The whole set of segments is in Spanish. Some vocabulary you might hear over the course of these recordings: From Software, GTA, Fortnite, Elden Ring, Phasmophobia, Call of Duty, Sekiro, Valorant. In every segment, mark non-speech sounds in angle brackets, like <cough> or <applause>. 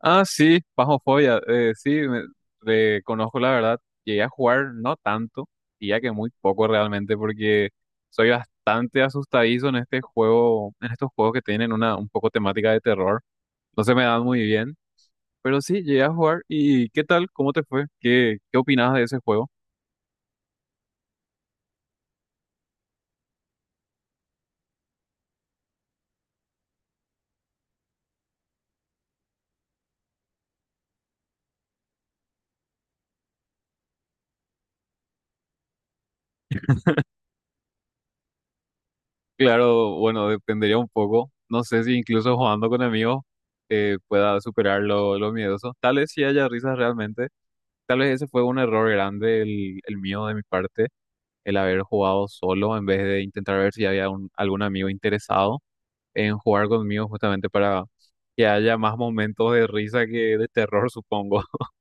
Ah, sí, Phasmophobia, sí, le conozco la verdad. Llegué a jugar no tanto, y ya que muy poco realmente, porque soy bastante asustadizo en este juego, en estos juegos que tienen una un poco temática de terror. No se me dan muy bien, pero sí, llegué a jugar. ¿Y qué tal? ¿Cómo te fue? ¿Qué opinabas de ese juego? Claro, bueno, dependería un poco. No sé si incluso jugando con amigos pueda superar lo miedoso. Tal vez sí haya risas realmente. Tal vez ese fue un error grande, el mío de mi parte, el haber jugado solo en vez de intentar ver si había algún amigo interesado en jugar conmigo justamente para que haya más momentos de risa que de terror, supongo. <laughs>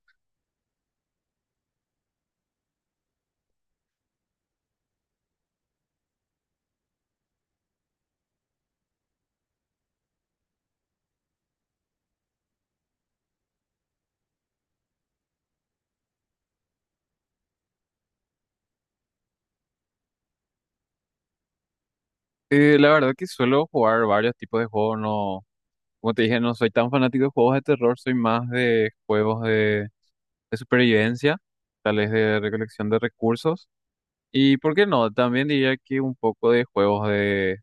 La verdad que suelo jugar varios tipos de juegos, no, como te dije, no soy tan fanático de juegos de terror, soy más de juegos de supervivencia, tal vez de recolección de recursos. Y por qué no, también diría que un poco de juegos de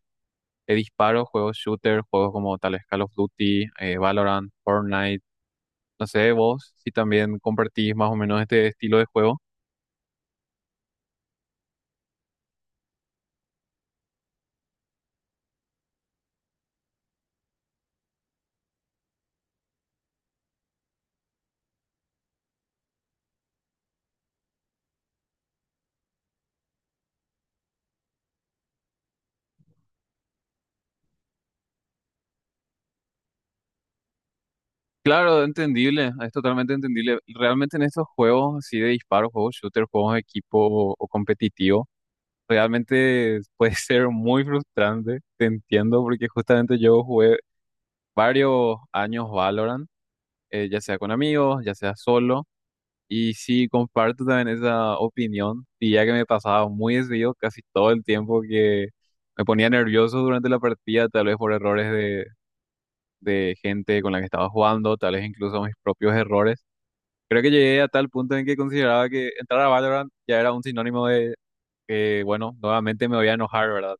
disparos, juegos shooter, juegos como tales Call of Duty, Valorant, Fortnite. No sé, vos si también compartís más o menos este estilo de juego. Claro, entendible, es totalmente entendible. Realmente en estos juegos así de disparos, juegos shooter, juegos de equipo o competitivo, realmente <laughs> puede ser muy frustrante, te entiendo, porque justamente yo jugué varios años Valorant, ya sea con amigos, ya sea solo. Y sí, comparto también esa opinión, y ya que me pasaba muy desvío casi todo el tiempo que me ponía nervioso durante la partida, tal vez por errores de gente con la que estaba jugando, tal vez incluso mis propios errores. Creo que llegué a tal punto en que consideraba que entrar a Valorant ya era un sinónimo de que, bueno, nuevamente me voy a enojar, ¿verdad?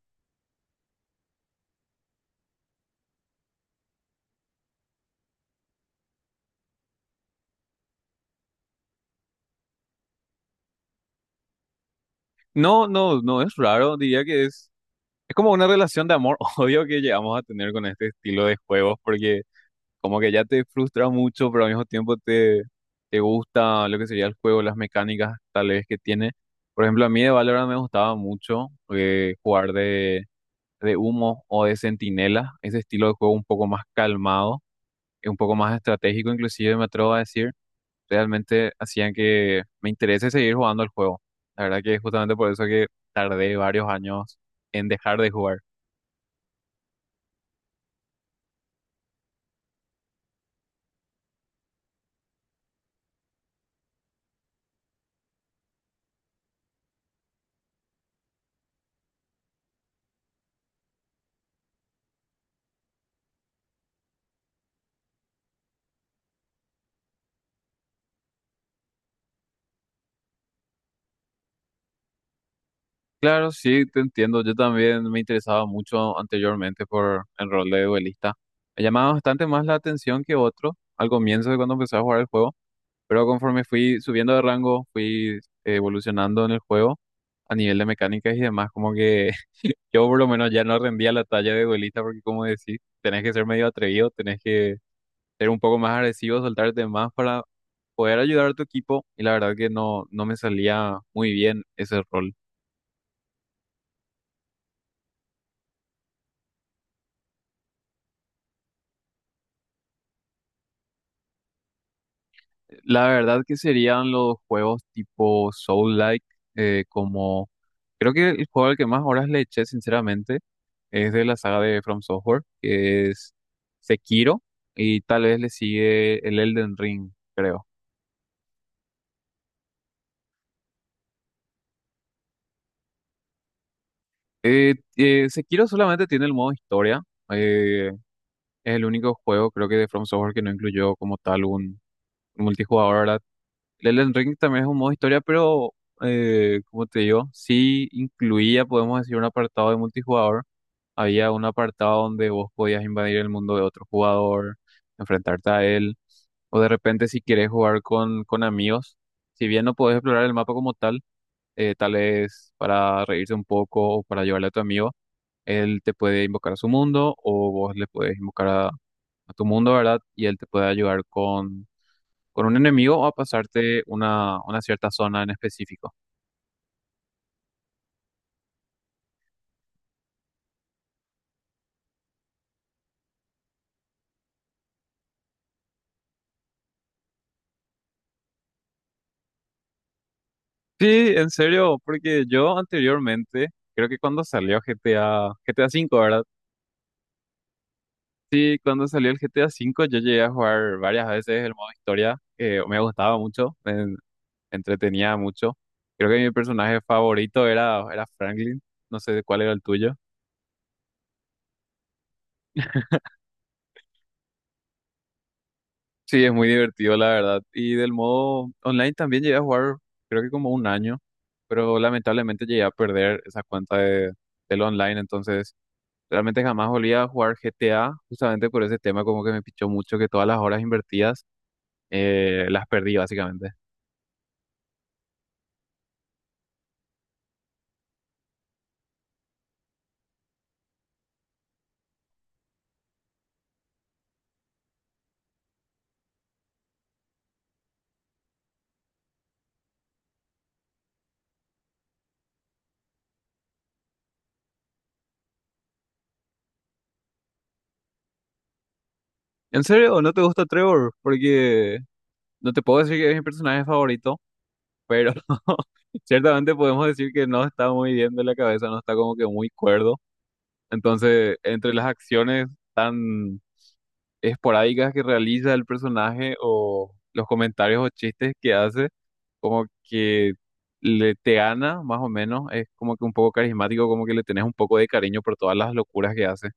No, no, no es raro, diría que es como una relación de amor-odio <laughs> que llegamos a tener con este estilo de juegos, porque... Como que ya te frustra mucho, pero al mismo tiempo te gusta lo que sería el juego, las mecánicas tal vez que tiene. Por ejemplo, a mí de Valorant me gustaba mucho jugar de humo o de centinela, ese estilo de juego un poco más calmado, y un poco más estratégico, inclusive me atrevo a decir, realmente hacían que me interese seguir jugando el juego. La verdad que es justamente por eso que tardé varios años en dejar de jugar. Claro, sí, te entiendo. Yo también me interesaba mucho anteriormente por el rol de duelista. Me llamaba bastante más la atención que otro al comienzo de cuando empecé a jugar el juego, pero conforme fui subiendo de rango, fui evolucionando en el juego a nivel de mecánicas y demás, como que <laughs> yo por lo menos ya no rendía la talla de duelista porque como decís, tenés que ser medio atrevido, tenés que ser un poco más agresivo, soltarte más para poder ayudar a tu equipo y la verdad que no, no me salía muy bien ese rol. La verdad que serían los juegos tipo Soul-like, como creo que el juego al que más horas le eché, sinceramente, es de la saga de From Software, que es Sekiro, y tal vez le sigue el Elden Ring, creo. Sekiro solamente tiene el modo historia, eh, es el único juego, creo que de From Software que no incluyó como tal un multijugador, ¿verdad? El Elden Ring también es un modo historia, pero como te digo, sí incluía, podemos decir, un apartado de multijugador. Había un apartado donde vos podías invadir el mundo de otro jugador, enfrentarte a él, o de repente si quieres jugar con amigos, si bien no podés explorar el mapa como tal, tal vez para reírse un poco o para llevarle a tu amigo, él te puede invocar a su mundo o vos le puedes invocar a, tu mundo, ¿verdad? Y él te puede ayudar con un enemigo o a pasarte una cierta zona en específico. Sí, en serio, porque yo anteriormente, creo que cuando salió GTA 5, ¿verdad? Sí, cuando salió el GTA 5, yo llegué a jugar varias veces el modo historia, que me gustaba mucho, me entretenía mucho. Creo que mi personaje favorito era Franklin, no sé cuál era el tuyo. Sí, es muy divertido, la verdad. Y del modo online también llegué a jugar, creo que como un año, pero lamentablemente llegué a perder esa cuenta de, del online, entonces realmente jamás volví a jugar GTA, justamente por ese tema como que me pichó mucho que todas las horas invertidas las perdí básicamente. ¿En serio? ¿No te gusta Trevor? Porque no te puedo decir que es mi personaje favorito, pero <laughs> ciertamente podemos decir que no está muy bien de la cabeza, no está como que muy cuerdo. Entonces, entre las acciones... tan esporádicas que realiza el personaje o los comentarios o chistes que hace, como que le te gana más o menos, es como que un poco carismático, como que le tenés un poco de cariño por todas las locuras que hace.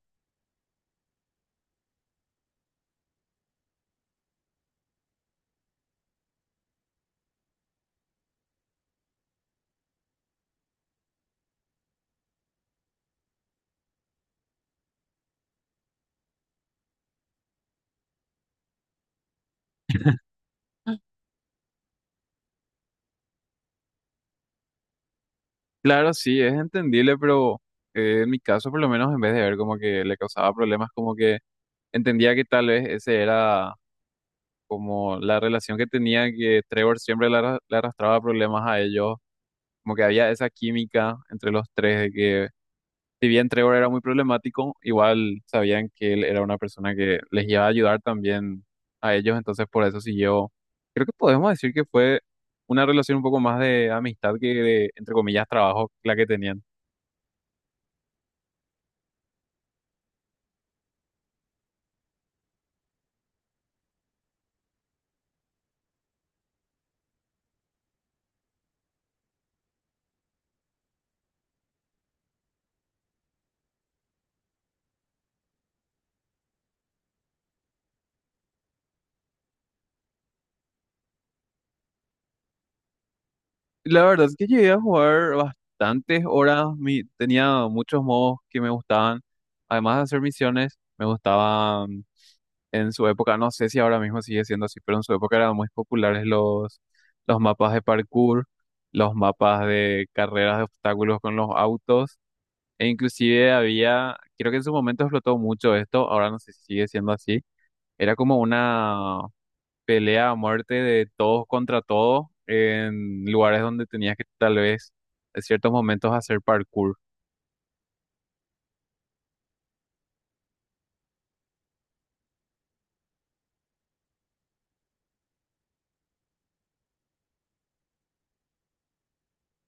Claro, sí, es entendible, pero en mi caso por lo menos en vez de ver como que le causaba problemas, como que entendía que tal vez ese era como la relación que tenía, que Trevor siempre le, le arrastraba problemas a ellos, como que había esa química entre los tres de que si bien Trevor era muy problemático, igual sabían que él era una persona que les iba a ayudar también a ellos, entonces por eso siguió. Creo que podemos decir que fue una relación un poco más de amistad que de, entre comillas, trabajo la que tenían. La verdad es que llegué a jugar bastantes horas, tenía muchos modos que me gustaban, además de hacer misiones, me gustaban. En su época, no sé si ahora mismo sigue siendo así, pero en su época eran muy populares los, mapas de parkour, los mapas de carreras de obstáculos con los autos, e inclusive había, creo que en su momento explotó mucho esto, ahora no sé si sigue siendo así, era como una pelea a muerte de todos contra todos en lugares donde tenías que tal vez en ciertos momentos hacer parkour.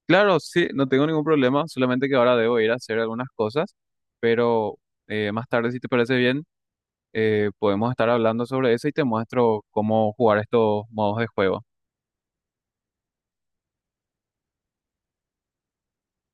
Claro, sí, no tengo ningún problema, solamente que ahora debo ir a hacer algunas cosas, pero más tarde, si te parece bien, podemos estar hablando sobre eso y te muestro cómo jugar estos modos de juego.